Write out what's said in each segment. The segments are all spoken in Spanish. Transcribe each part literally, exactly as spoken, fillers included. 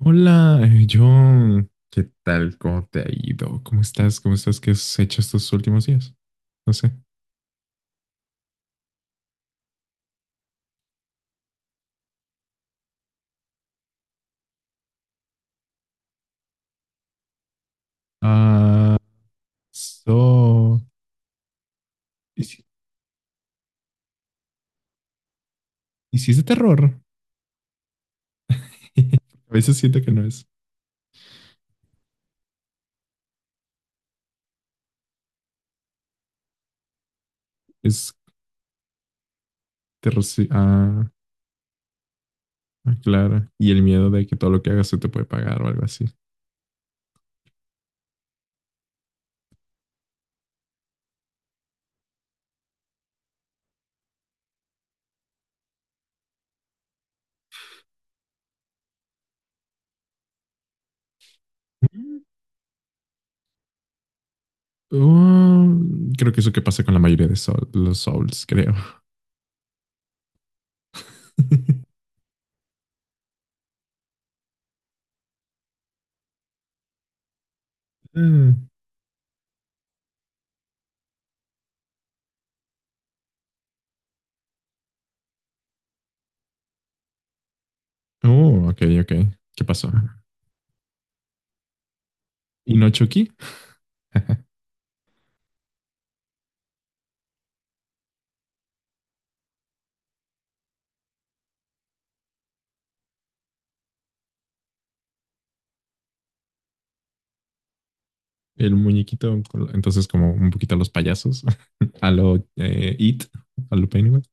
Hola, eh, John. ¿Qué tal? ¿Cómo te ha ido? ¿Cómo estás? ¿Cómo estás? ¿Qué has hecho estos últimos días? No sé. Ah, so... hici- ¿Hiciste terror? A veces siento que no es. Es terror. Sí. Ah, ah, claro. Y el miedo de que todo lo que hagas se te puede pagar o algo así. Mm. Oh, creo que eso que pasa con la mayoría de soul- los Souls, creo. Mm. Oh, ok, ok. ¿Qué pasó? ¿Y no Chucky? El muñequito, entonces como un poquito a los payasos, a lo eh, It, a lo Pennywise,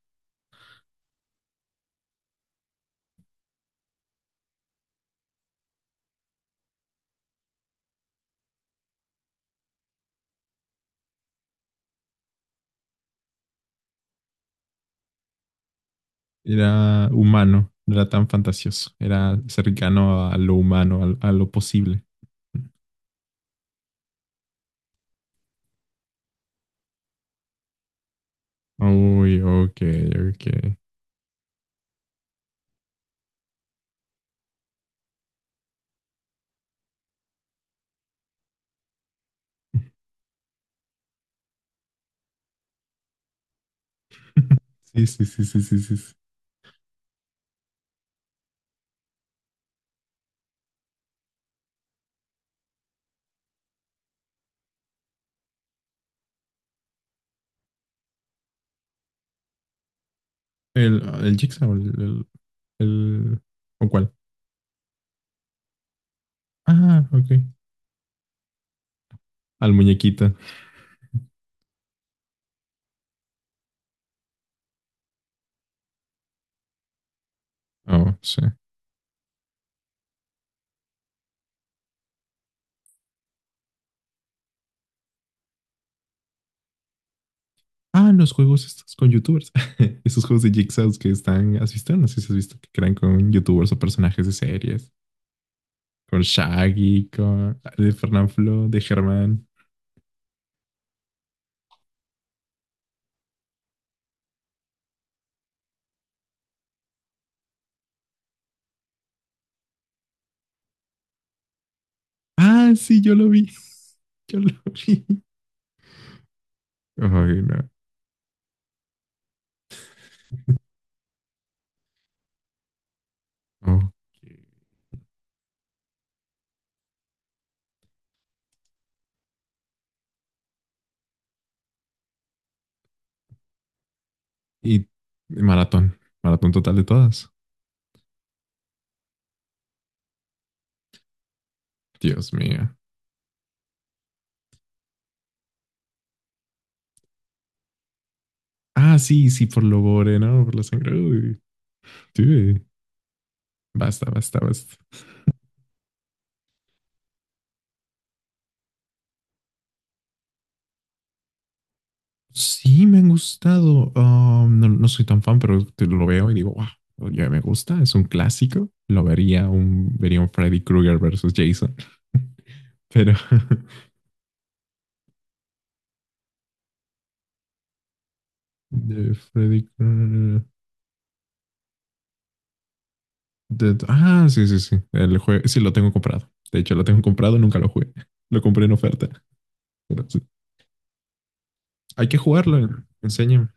era humano, no era tan fantasioso, era cercano a lo humano, a, a lo posible. Uy, ok, ok. Sí, sí, sí, sí, sí, sí, sí. El, el Jigsaw, el, el, el- ¿O cuál? Ah, ok. Al muñequito. Oh, sí. Ah, los juegos estos con youtubers. Esos juegos de Jigsaws que están, ¿has visto? No sé si has visto que crean con youtubers o personajes de series. Con Shaggy, con de Fernán, de Germán. Ah, sí, yo lo vi, yo lo vi. Ay, no. Ok. Y maratón, maratón total de todas. Dios mío. Ah, sí, sí, por lo gore, ¿no? Por la sangre. Uy, dude. Basta, basta, basta. Sí, me han gustado. Um, no, no soy tan fan, pero te lo veo y digo, wow, ya me gusta, es un clásico. Lo vería un, vería un Freddy Krueger versus Jason, pero Freddy Krueger. Dead- Ah, sí, sí, sí. El juego, sí, lo tengo comprado. De hecho, lo tengo comprado, nunca lo jugué. Lo compré en oferta. Pero sí, hay que jugarlo, enséñame.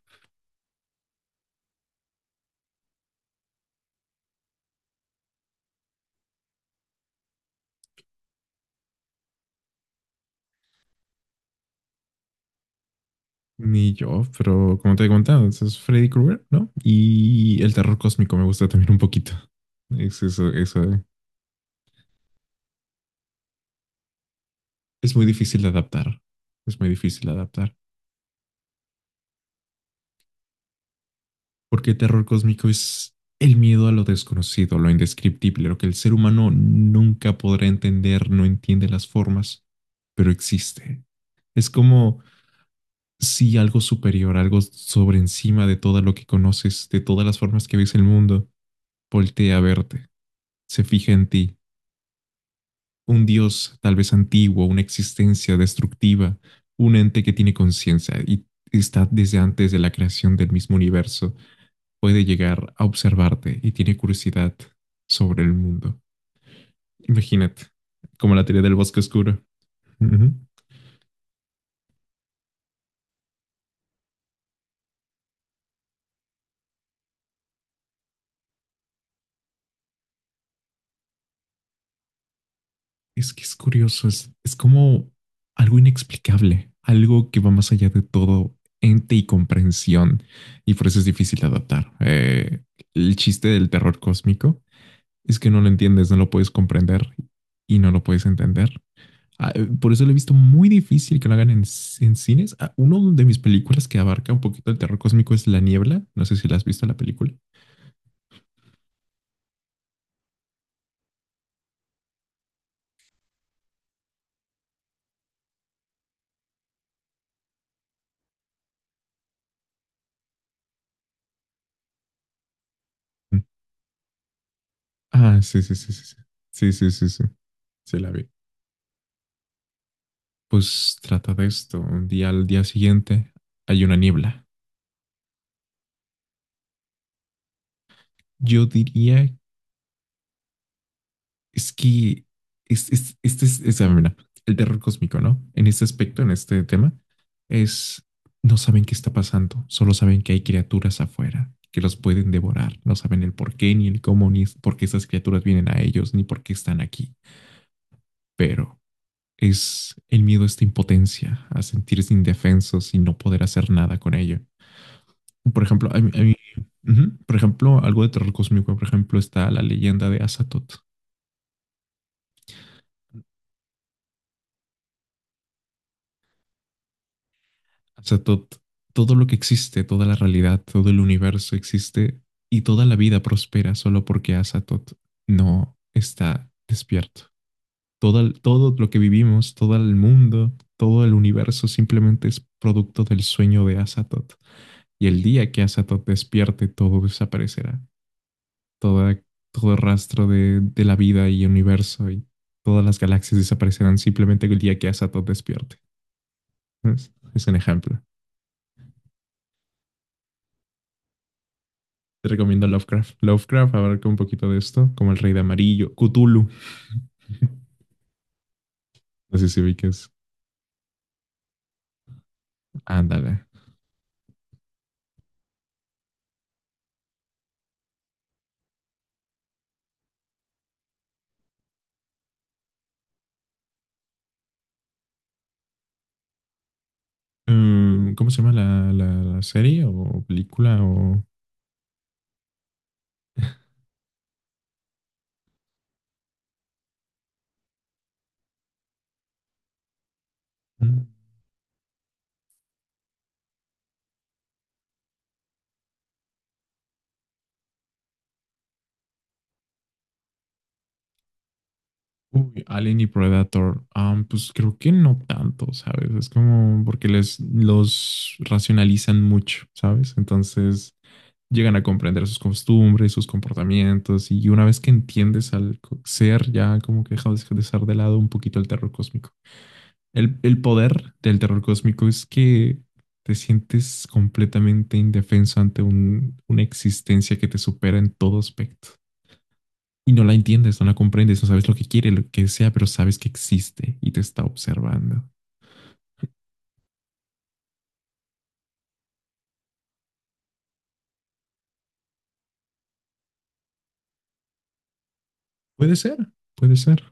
Ni yo, pero como te he contado, ese es Freddy Krueger, ¿no? Y el terror cósmico me gusta también un poquito. Es eso, eso. eh. Es muy difícil de adaptar. Es muy difícil de adaptar. Porque el terror cósmico es el miedo a lo desconocido, lo indescriptible, lo que el ser humano nunca podrá entender, no entiende las formas, pero existe. Es como sí algo superior, algo sobre encima de todo lo que conoces, de todas las formas que ves el mundo, voltea a verte, se fija en ti, un dios tal vez antiguo, una existencia destructiva, un ente que tiene conciencia y está desde antes de la creación del mismo universo, puede llegar a observarte y tiene curiosidad sobre el mundo. Imagínate, como la teoría del bosque oscuro. Ujú. Es que es curioso, es, es como algo inexplicable, algo que va más allá de todo ente y comprensión, y por eso es difícil de adaptar. Eh, el chiste del terror cósmico es que no lo entiendes, no lo puedes comprender y no lo puedes entender. Ah, eh, Por eso lo he visto muy difícil que lo hagan en, en cines. Ah, Uno de mis películas que abarca un poquito el terror cósmico es La Niebla. No sé si la has visto la película. Ah, sí, sí, sí, sí. Sí, sí, sí, sí. Sí, sí la vi. Pues trata de esto. Un día al día siguiente hay una niebla. Yo diría, es que es, es- este es, es- ah, mira, el terror cósmico, ¿no? En este aspecto, en este tema, es no saben qué está pasando, solo saben que hay criaturas afuera que los pueden devorar. No saben el por qué, ni el cómo, ni es- por qué esas criaturas vienen a ellos, ni por qué están aquí. Pero es el miedo a esta impotencia, a sentirse indefensos y no poder hacer nada con ello. Por ejemplo, a mí- a mí- ujú, por ejemplo, algo de terror cósmico, por ejemplo, está la leyenda de Azathoth. Azathoth, todo lo que existe, toda la realidad, todo el universo existe y toda la vida prospera solo porque Azathoth no está despierto. Todo, el- todo lo que vivimos, todo el mundo, todo el universo simplemente es producto del sueño de Azathoth. Y el día que Azathoth despierte, todo desaparecerá. Toda, todo rastro de, de la vida y universo y todas las galaxias desaparecerán simplemente el día que Asato despierte. ¿Ves? Es un ejemplo. Te recomiendo Lovecraft. Lovecraft abarca un poquito de esto, como el Rey de Amarillo, Cthulhu. No sé si ubiques. Ándale. Mm, ¿cómo se llama la, la- la serie o película? O... Mm. Uy, Alien y Predator. Am, pues creo que no tanto, ¿sabes? Es como porque les los racionalizan mucho, ¿sabes? Entonces llegan a comprender sus costumbres, sus comportamientos, y una vez que entiendes al co- ser, ya como que deja de de ser de lado un poquito el terror cósmico. El, el poder del terror cósmico es que te sientes completamente indefenso ante un- una existencia que te supera en todo aspecto. Y no la entiendes, no la comprendes, no sabes lo que quiere, lo que sea, pero sabes que existe y te está observando. Puede ser, puede ser.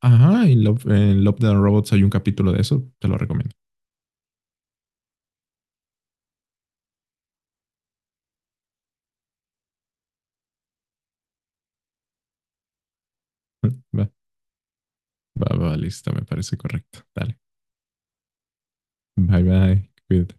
Ajá, en Love, en Love, the Robots hay un capítulo de eso, te lo recomiendo. Va, va, va, listo, me parece correcto. Dale, bye, bye, cuídate.